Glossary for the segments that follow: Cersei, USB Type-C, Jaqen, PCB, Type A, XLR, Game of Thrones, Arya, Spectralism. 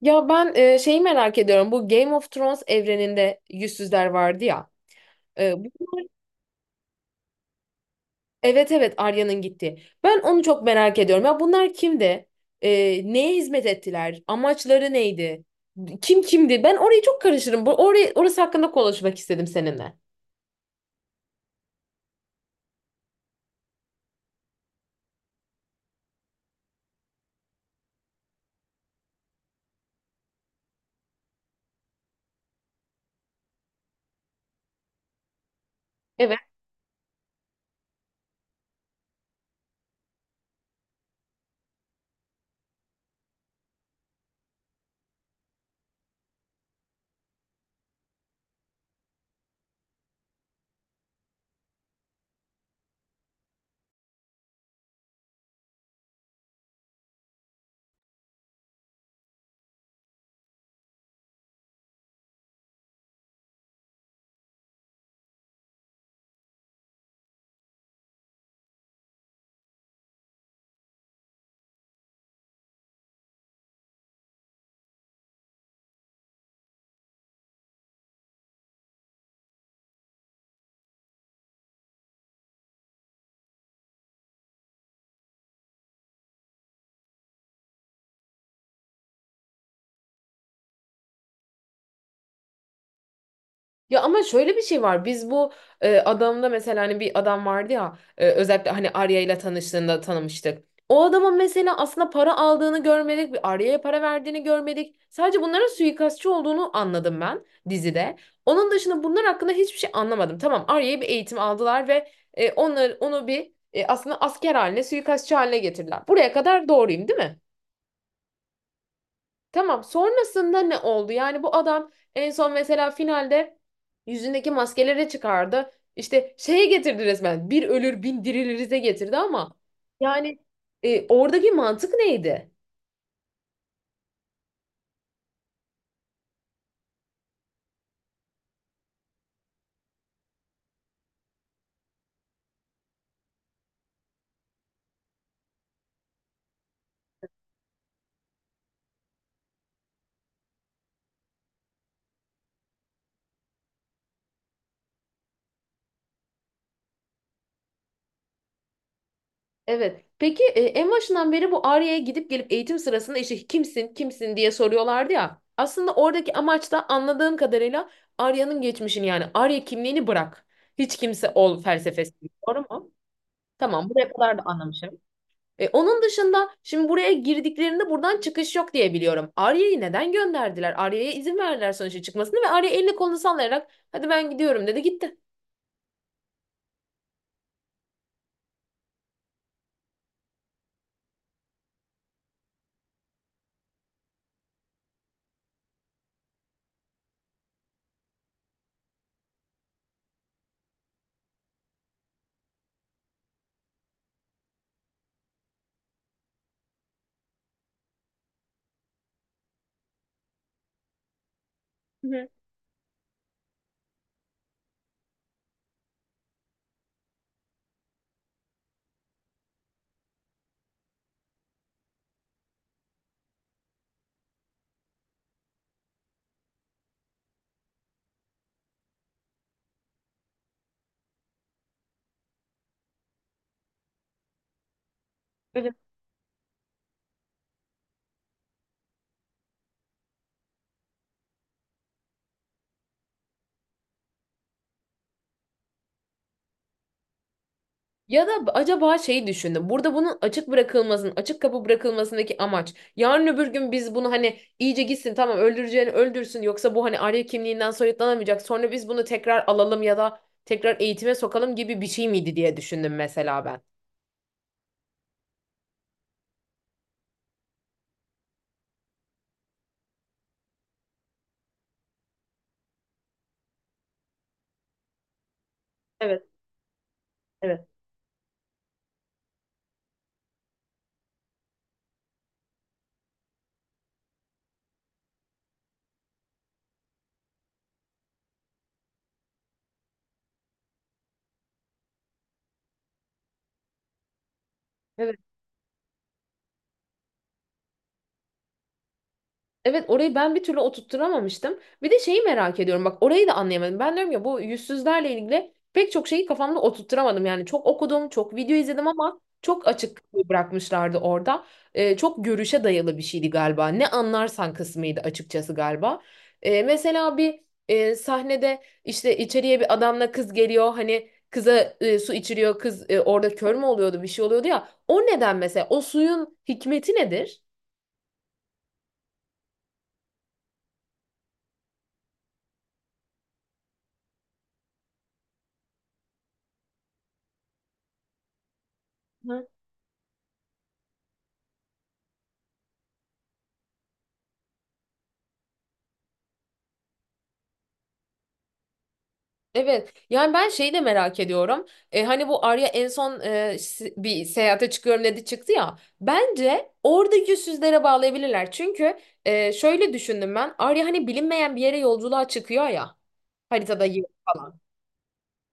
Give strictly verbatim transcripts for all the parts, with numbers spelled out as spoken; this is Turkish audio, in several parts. Ya ben e, şeyi merak ediyorum. Bu Game of Thrones evreninde yüzsüzler vardı ya. E, bunlar, evet evet Arya'nın gitti. Ben onu çok merak ediyorum. Ya bunlar kimdi? E, neye hizmet ettiler? Amaçları neydi? Kim kimdi? Ben orayı çok karışırım. Bu orayı, orası hakkında konuşmak istedim seninle. Evet. Ya ama şöyle bir şey var. Biz bu e, adamda mesela hani bir adam vardı ya, e, özellikle hani Arya ile tanıştığında tanımıştık. O adamın mesela aslında para aldığını görmedik, bir Arya'ya para verdiğini görmedik. Sadece bunların suikastçı olduğunu anladım ben dizide. Onun dışında bunlar hakkında hiçbir şey anlamadım. Tamam, Arya'ya bir eğitim aldılar ve e, onları, onu bir e, aslında asker haline, suikastçı haline getirdiler. Buraya kadar doğruyum, değil mi? Tamam. Sonrasında ne oldu? Yani bu adam en son mesela finalde yüzündeki maskeleri çıkardı. İşte şeye getirdi resmen. Bir ölür bin dirilirize getirdi ama yani e, oradaki mantık neydi? Evet. Peki, e, en başından beri bu Arya'ya gidip gelip eğitim sırasında işte kimsin kimsin diye soruyorlardı ya. Aslında oradaki amaç da anladığım kadarıyla Arya'nın geçmişini, yani Arya kimliğini bırak. Hiç kimse ol felsefesi. Doğru mu? Tamam. Buraya kadar da anlamışım. E, onun dışında şimdi buraya girdiklerinde buradan çıkış yok diye biliyorum. Arya'yı neden gönderdiler? Arya'ya izin verdiler sonuçta çıkmasını ve Arya elini kolunu sallayarak hadi ben gidiyorum dedi gitti. Hı hı. Evet. Ya da acaba şeyi düşündüm. Burada bunun açık bırakılmasının, açık kapı bırakılmasındaki amaç. Yarın öbür gün biz bunu hani iyice gitsin tamam öldüreceğini öldürsün, yoksa bu hani Arya kimliğinden soyutlanamayacak. Sonra biz bunu tekrar alalım ya da tekrar eğitime sokalım gibi bir şey miydi diye düşündüm mesela ben. Evet. Evet. Evet. Evet, orayı ben bir türlü oturtturamamıştım. Bir de şeyi merak ediyorum bak, orayı da anlayamadım. Ben diyorum ya, bu yüzsüzlerle ilgili pek çok şeyi kafamda oturtturamadım. Yani çok okudum, çok video izledim ama çok açık bırakmışlardı orada. Ee, çok görüşe dayalı bir şeydi galiba. Ne anlarsan kısmıydı açıkçası galiba. Ee, mesela bir e, sahnede işte içeriye bir adamla kız geliyor. Hani kıza e, su içiriyor. Kız e, orada kör mü oluyordu, bir şey oluyordu ya. O neden, mesela o suyun hikmeti nedir? Evet, yani ben şeyi de merak ediyorum. E, hani bu Arya en son e, si- bir seyahate çıkıyorum dedi çıktı ya. Bence oradaki yüzsüzlere bağlayabilirler. Çünkü e, şöyle düşündüm ben. Arya hani bilinmeyen bir yere yolculuğa çıkıyor ya. Haritada yıl falan.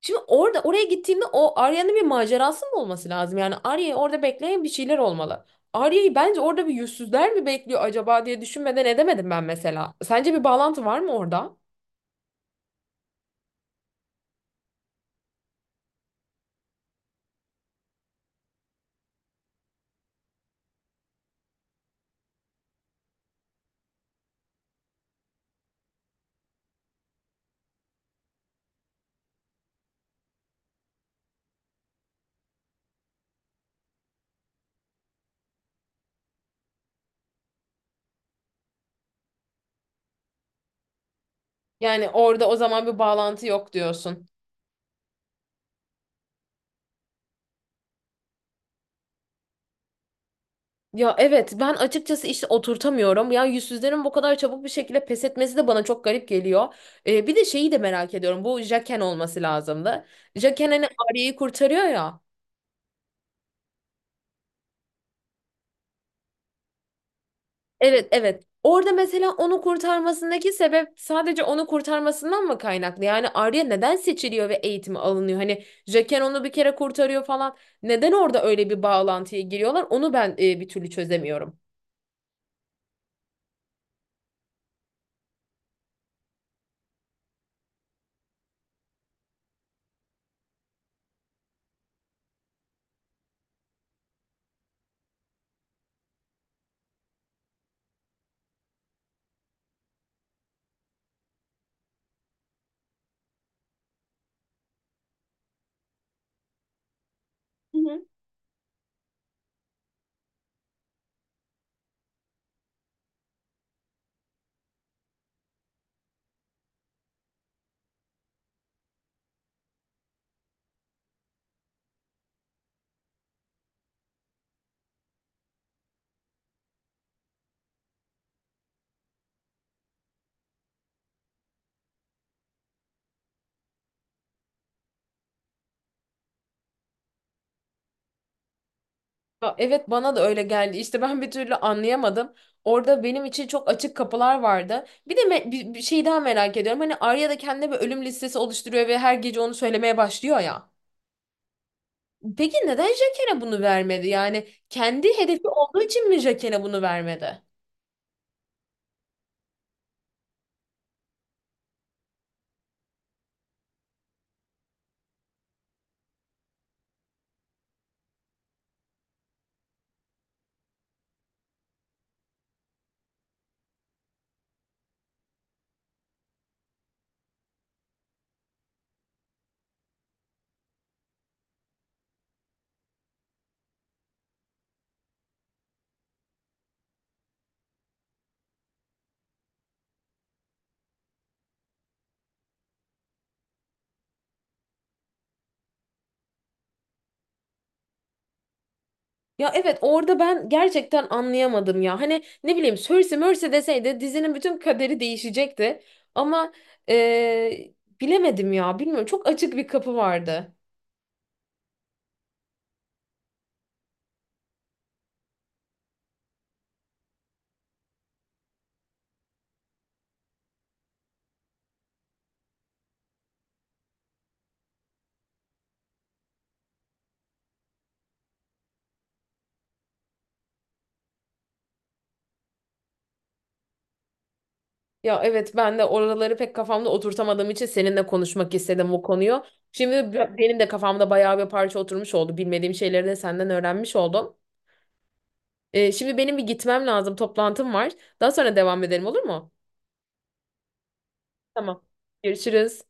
Şimdi orada oraya gittiğimde o Arya'nın bir macerası mı olması lazım? Yani Arya'yı orada bekleyen bir şeyler olmalı. Arya'yı bence orada bir yüzsüzler mi bekliyor acaba diye düşünmeden edemedim ben mesela. Sence bir bağlantı var mı orada? Yani orada o zaman bir bağlantı yok diyorsun. Ya evet, ben açıkçası işte oturtamıyorum. Ya yüzsüzlerin bu kadar çabuk bir şekilde pes etmesi de bana çok garip geliyor. Ee, bir de şeyi de merak ediyorum. Bu Jaken olması lazımdı. Jaken hani Arya'yı kurtarıyor ya. Evet, evet. Orada mesela onu kurtarmasındaki sebep sadece onu kurtarmasından mı kaynaklı? Yani Arya neden seçiliyor ve eğitimi alınıyor? Hani Jaqen onu bir kere kurtarıyor falan. Neden orada öyle bir bağlantıya giriyorlar? Onu ben e, bir türlü çözemiyorum. Ya evet, bana da öyle geldi. İşte ben bir türlü anlayamadım. Orada benim için çok açık kapılar vardı. Bir de me- bir, bir şey daha merak ediyorum. Hani Arya da kendine bir ölüm listesi oluşturuyor ve her gece onu söylemeye başlıyor ya. Peki neden Jaqen'e bunu vermedi? Yani kendi hedefi olduğu için mi Jaqen'e bunu vermedi? Ya evet, orada ben gerçekten anlayamadım ya. Hani ne bileyim, Cersei Mercy deseydi dizinin bütün kaderi değişecekti. Ama eee, bilemedim ya. Bilmiyorum, çok açık bir kapı vardı. Ya evet, ben de oraları pek kafamda oturtamadığım için seninle konuşmak istedim bu konuyu. Şimdi b- benim de kafamda bayağı bir parça oturmuş oldu. Bilmediğim şeyleri de senden öğrenmiş oldum. Ee, şimdi benim bir gitmem lazım. Toplantım var. Daha sonra devam edelim olur mu? Tamam. Görüşürüz.